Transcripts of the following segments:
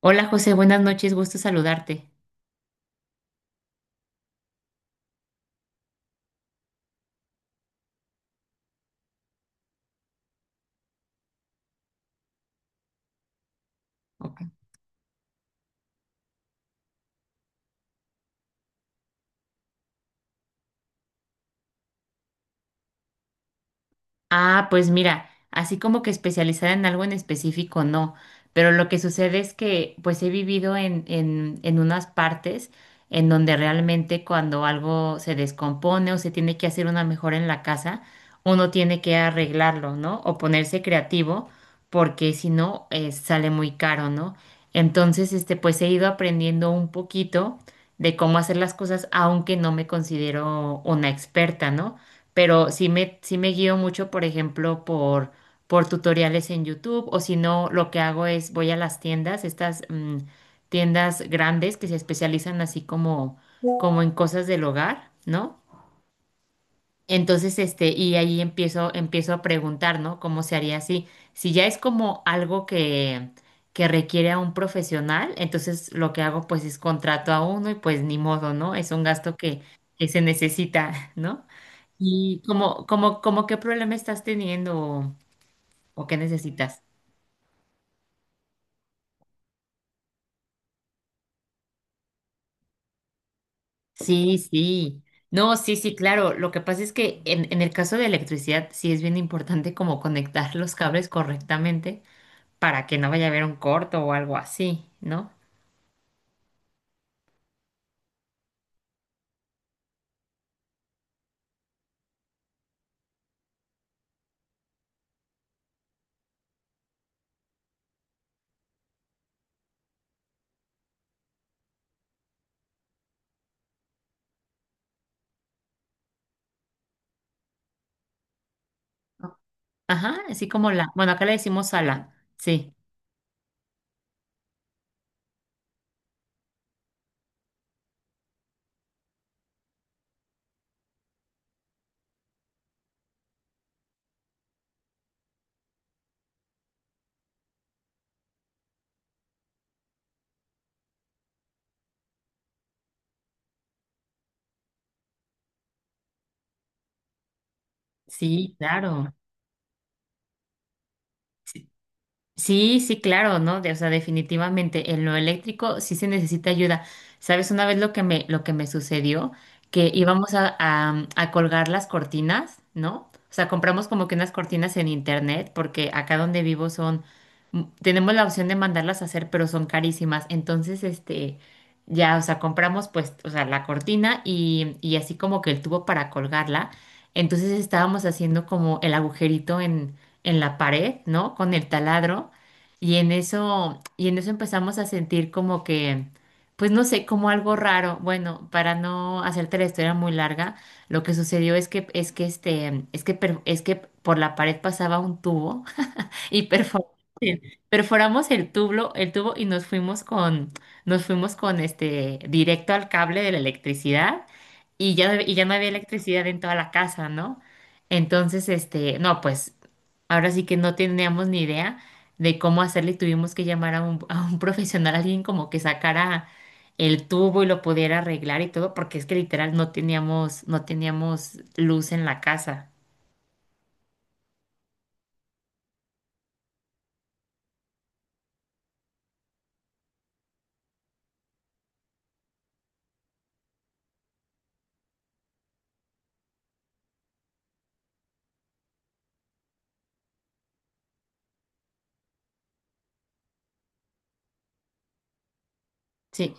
Hola José, buenas noches, gusto saludarte. Ok. Ah, pues mira, así como que especializada en algo en específico, no. Pero lo que sucede es que pues he vivido en unas partes en donde realmente cuando algo se descompone o se tiene que hacer una mejora en la casa, uno tiene que arreglarlo, ¿no? O ponerse creativo, porque si no, sale muy caro, ¿no? Entonces, pues he ido aprendiendo un poquito de cómo hacer las cosas, aunque no me considero una experta, ¿no? Pero sí me guío mucho, por ejemplo, por tutoriales en YouTube, o si no, lo que hago es voy a las tiendas, estas tiendas grandes que se especializan así como, como en cosas del hogar, ¿no? Entonces, y ahí empiezo, a preguntar, ¿no? ¿Cómo se haría así? Si ya es como algo que requiere a un profesional, entonces lo que hago pues es contrato a uno y pues ni modo, ¿no? Es un gasto que se necesita, ¿no? ¿Y cómo qué problema estás teniendo o qué necesitas? Sí, sí. No, sí, sí, claro. Lo que pasa es que en el caso de electricidad sí es bien importante como conectar los cables correctamente para que no vaya a haber un corto o algo así, ¿no? Ajá, así como la, bueno, acá le decimos ala. Sí, sí, claro. Sí, sí, claro, ¿no? O sea, definitivamente en lo eléctrico sí se necesita ayuda. ¿Sabes? Una vez lo que me sucedió, que íbamos a colgar las cortinas, ¿no? O sea, compramos como que unas cortinas en internet, porque acá donde vivo son, tenemos la opción de mandarlas a hacer, pero son carísimas. Entonces, ya, o sea, compramos pues, o sea, la cortina y así como que el tubo para colgarla. Entonces estábamos haciendo como el agujerito en la pared, ¿no? Con el taladro. Y en eso empezamos a sentir como que, pues no sé, como algo raro. Bueno, para no hacerte la historia muy larga, lo que sucedió es que este, es que, per- es que por la pared pasaba un tubo y el, perforamos el tubo, y nos fuimos con directo al cable de la electricidad y ya, y ya no había electricidad en toda la casa, ¿no? Entonces, no, pues ahora sí que no teníamos ni idea de cómo hacerle y tuvimos que llamar a un profesional, alguien como que sacara el tubo y lo pudiera arreglar y todo, porque es que literal no teníamos luz en la casa. Sí,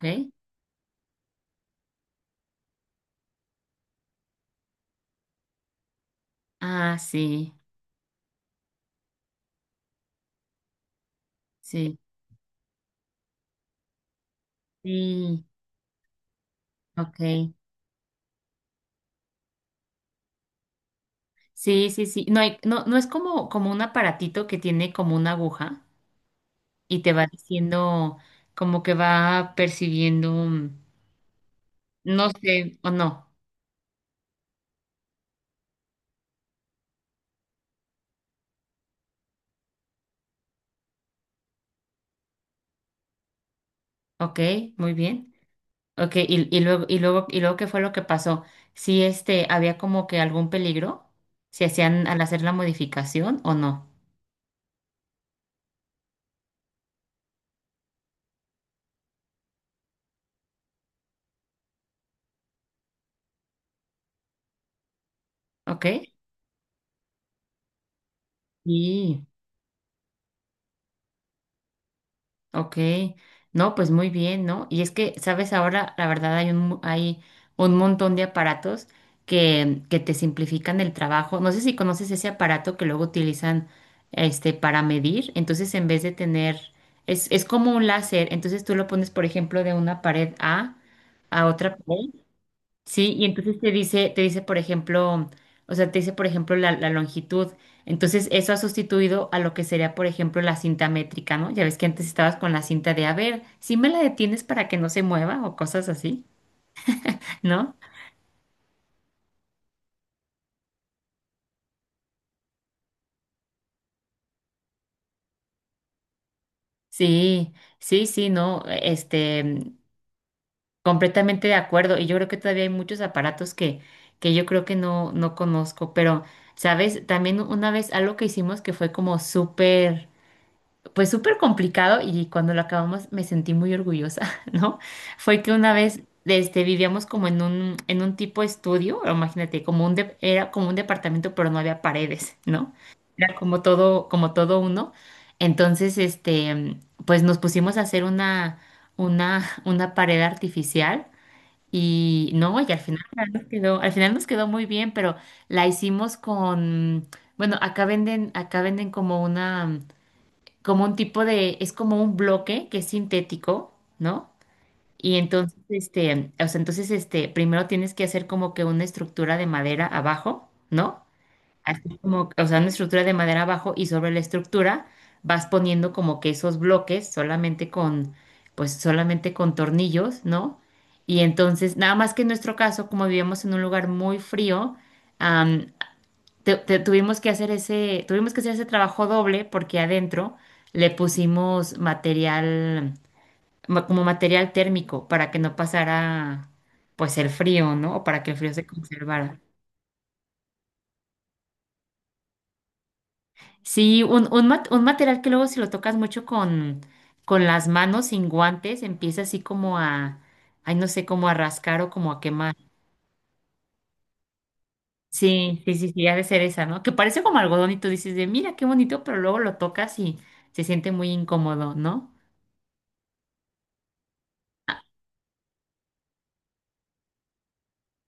¿ok? Ah, sí, sí. Sí, ok. Sí, sí, sí. No hay, no es como un aparatito que tiene como una aguja y te va diciendo, como que va percibiendo, no sé, o no. Ok, muy bien. Ok, y luego, ¿qué fue lo que pasó? Sí, este, había como que algún peligro, si hacían al hacer la modificación o no. Ok. Sí. Ok, no, pues muy bien, ¿no? Y es que, sabes, ahora la verdad hay un, mu- hay un montón de aparatos que te simplifican el trabajo. No sé si conoces ese aparato que luego utilizan para medir. Entonces, en vez de tener, es como un láser, entonces tú lo pones, por ejemplo, de una pared A a otra pared. Sí, y entonces te dice, por ejemplo, o sea, te dice, por ejemplo, la longitud. Entonces, eso ha sustituido a lo que sería, por ejemplo, la cinta métrica, ¿no? Ya ves que antes estabas con la cinta de, a ver, si me la detienes para que no se mueva o cosas así, ¿no? Sí, sí, sí, no, este, completamente de acuerdo. Y yo creo que todavía hay muchos aparatos que yo creo que no conozco, pero, ¿sabes? También una vez algo que hicimos que fue como súper pues súper complicado y cuando lo acabamos me sentí muy orgullosa, ¿no? Fue que una vez este, vivíamos como en un tipo estudio, o imagínate, como un de- era como un departamento, pero no había paredes, ¿no? Era como todo uno. Entonces, pues nos pusimos a hacer una pared artificial. Y no, y al final nos quedó muy bien, pero la hicimos con, bueno, acá venden, como una, como un tipo de, es como un bloque que es sintético, ¿no? Y entonces, o sea, entonces, primero tienes que hacer como que una estructura de madera abajo, ¿no? Así como, o sea, una estructura de madera abajo y sobre la estructura vas poniendo como que esos bloques pues solamente con tornillos, ¿no? Y entonces, nada más que en nuestro caso, como vivíamos en un lugar muy frío, am, tuvimos que hacer ese trabajo doble porque adentro le pusimos como material térmico para que no pasara pues el frío, ¿no? O para que el frío se conservara. Sí, un material que luego si lo tocas mucho con las manos sin guantes, empieza así ay, no sé, como a rascar o como a quemar. Sí, sí, sí, sí, ha de ser esa, ¿no? Que parece como algodón y tú dices de, mira, qué bonito, pero luego lo tocas y se siente muy incómodo, ¿no?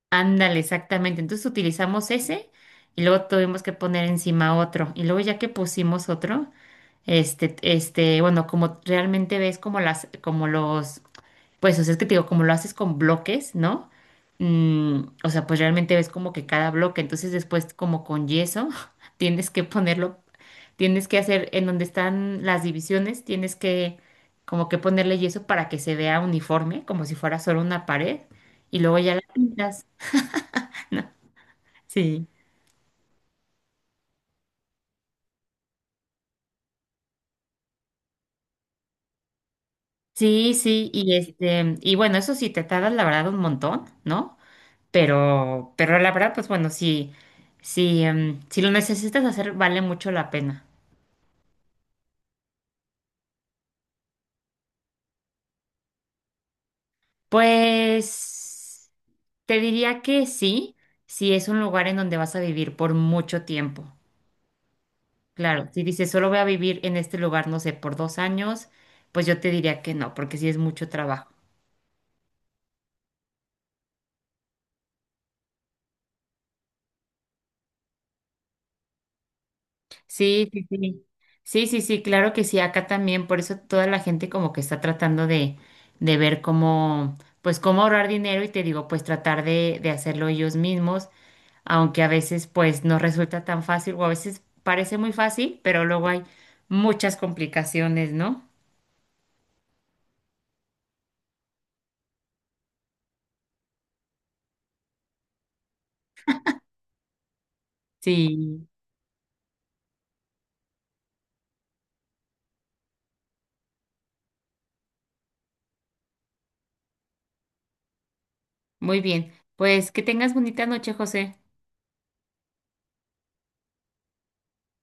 Ándale, exactamente. Entonces utilizamos ese y luego tuvimos que poner encima otro. Y luego ya que pusimos otro, bueno, como realmente ves como los, pues, o sea, es que te digo, como lo haces con bloques, ¿no? Mm, o sea, pues realmente ves como que cada bloque. Entonces después como con yeso, tienes que ponerlo, tienes que hacer en donde están las divisiones, tienes que como que ponerle yeso para que se vea uniforme, como si fuera solo una pared. Y luego ya la pintas. Sí. Sí, sí, y y bueno, eso sí te tardas la verdad un montón, ¿no? Pero la verdad, pues bueno, sí, sí, si lo necesitas hacer, vale mucho la pena. Pues te diría que sí, si es un lugar en donde vas a vivir por mucho tiempo. Claro, si dices solo voy a vivir en este lugar, no sé, por 2 años, pues yo te diría que no, porque sí es mucho trabajo. Sí, sí, sí. Sí, sí, sí, claro que sí, acá también, por eso toda la gente como que está tratando de ver cómo, pues cómo ahorrar dinero y te digo, pues tratar de hacerlo ellos mismos, aunque a veces pues no resulta tan fácil o a veces parece muy fácil, pero luego hay muchas complicaciones, ¿no? Sí, muy bien. Pues que tengas bonita noche, José.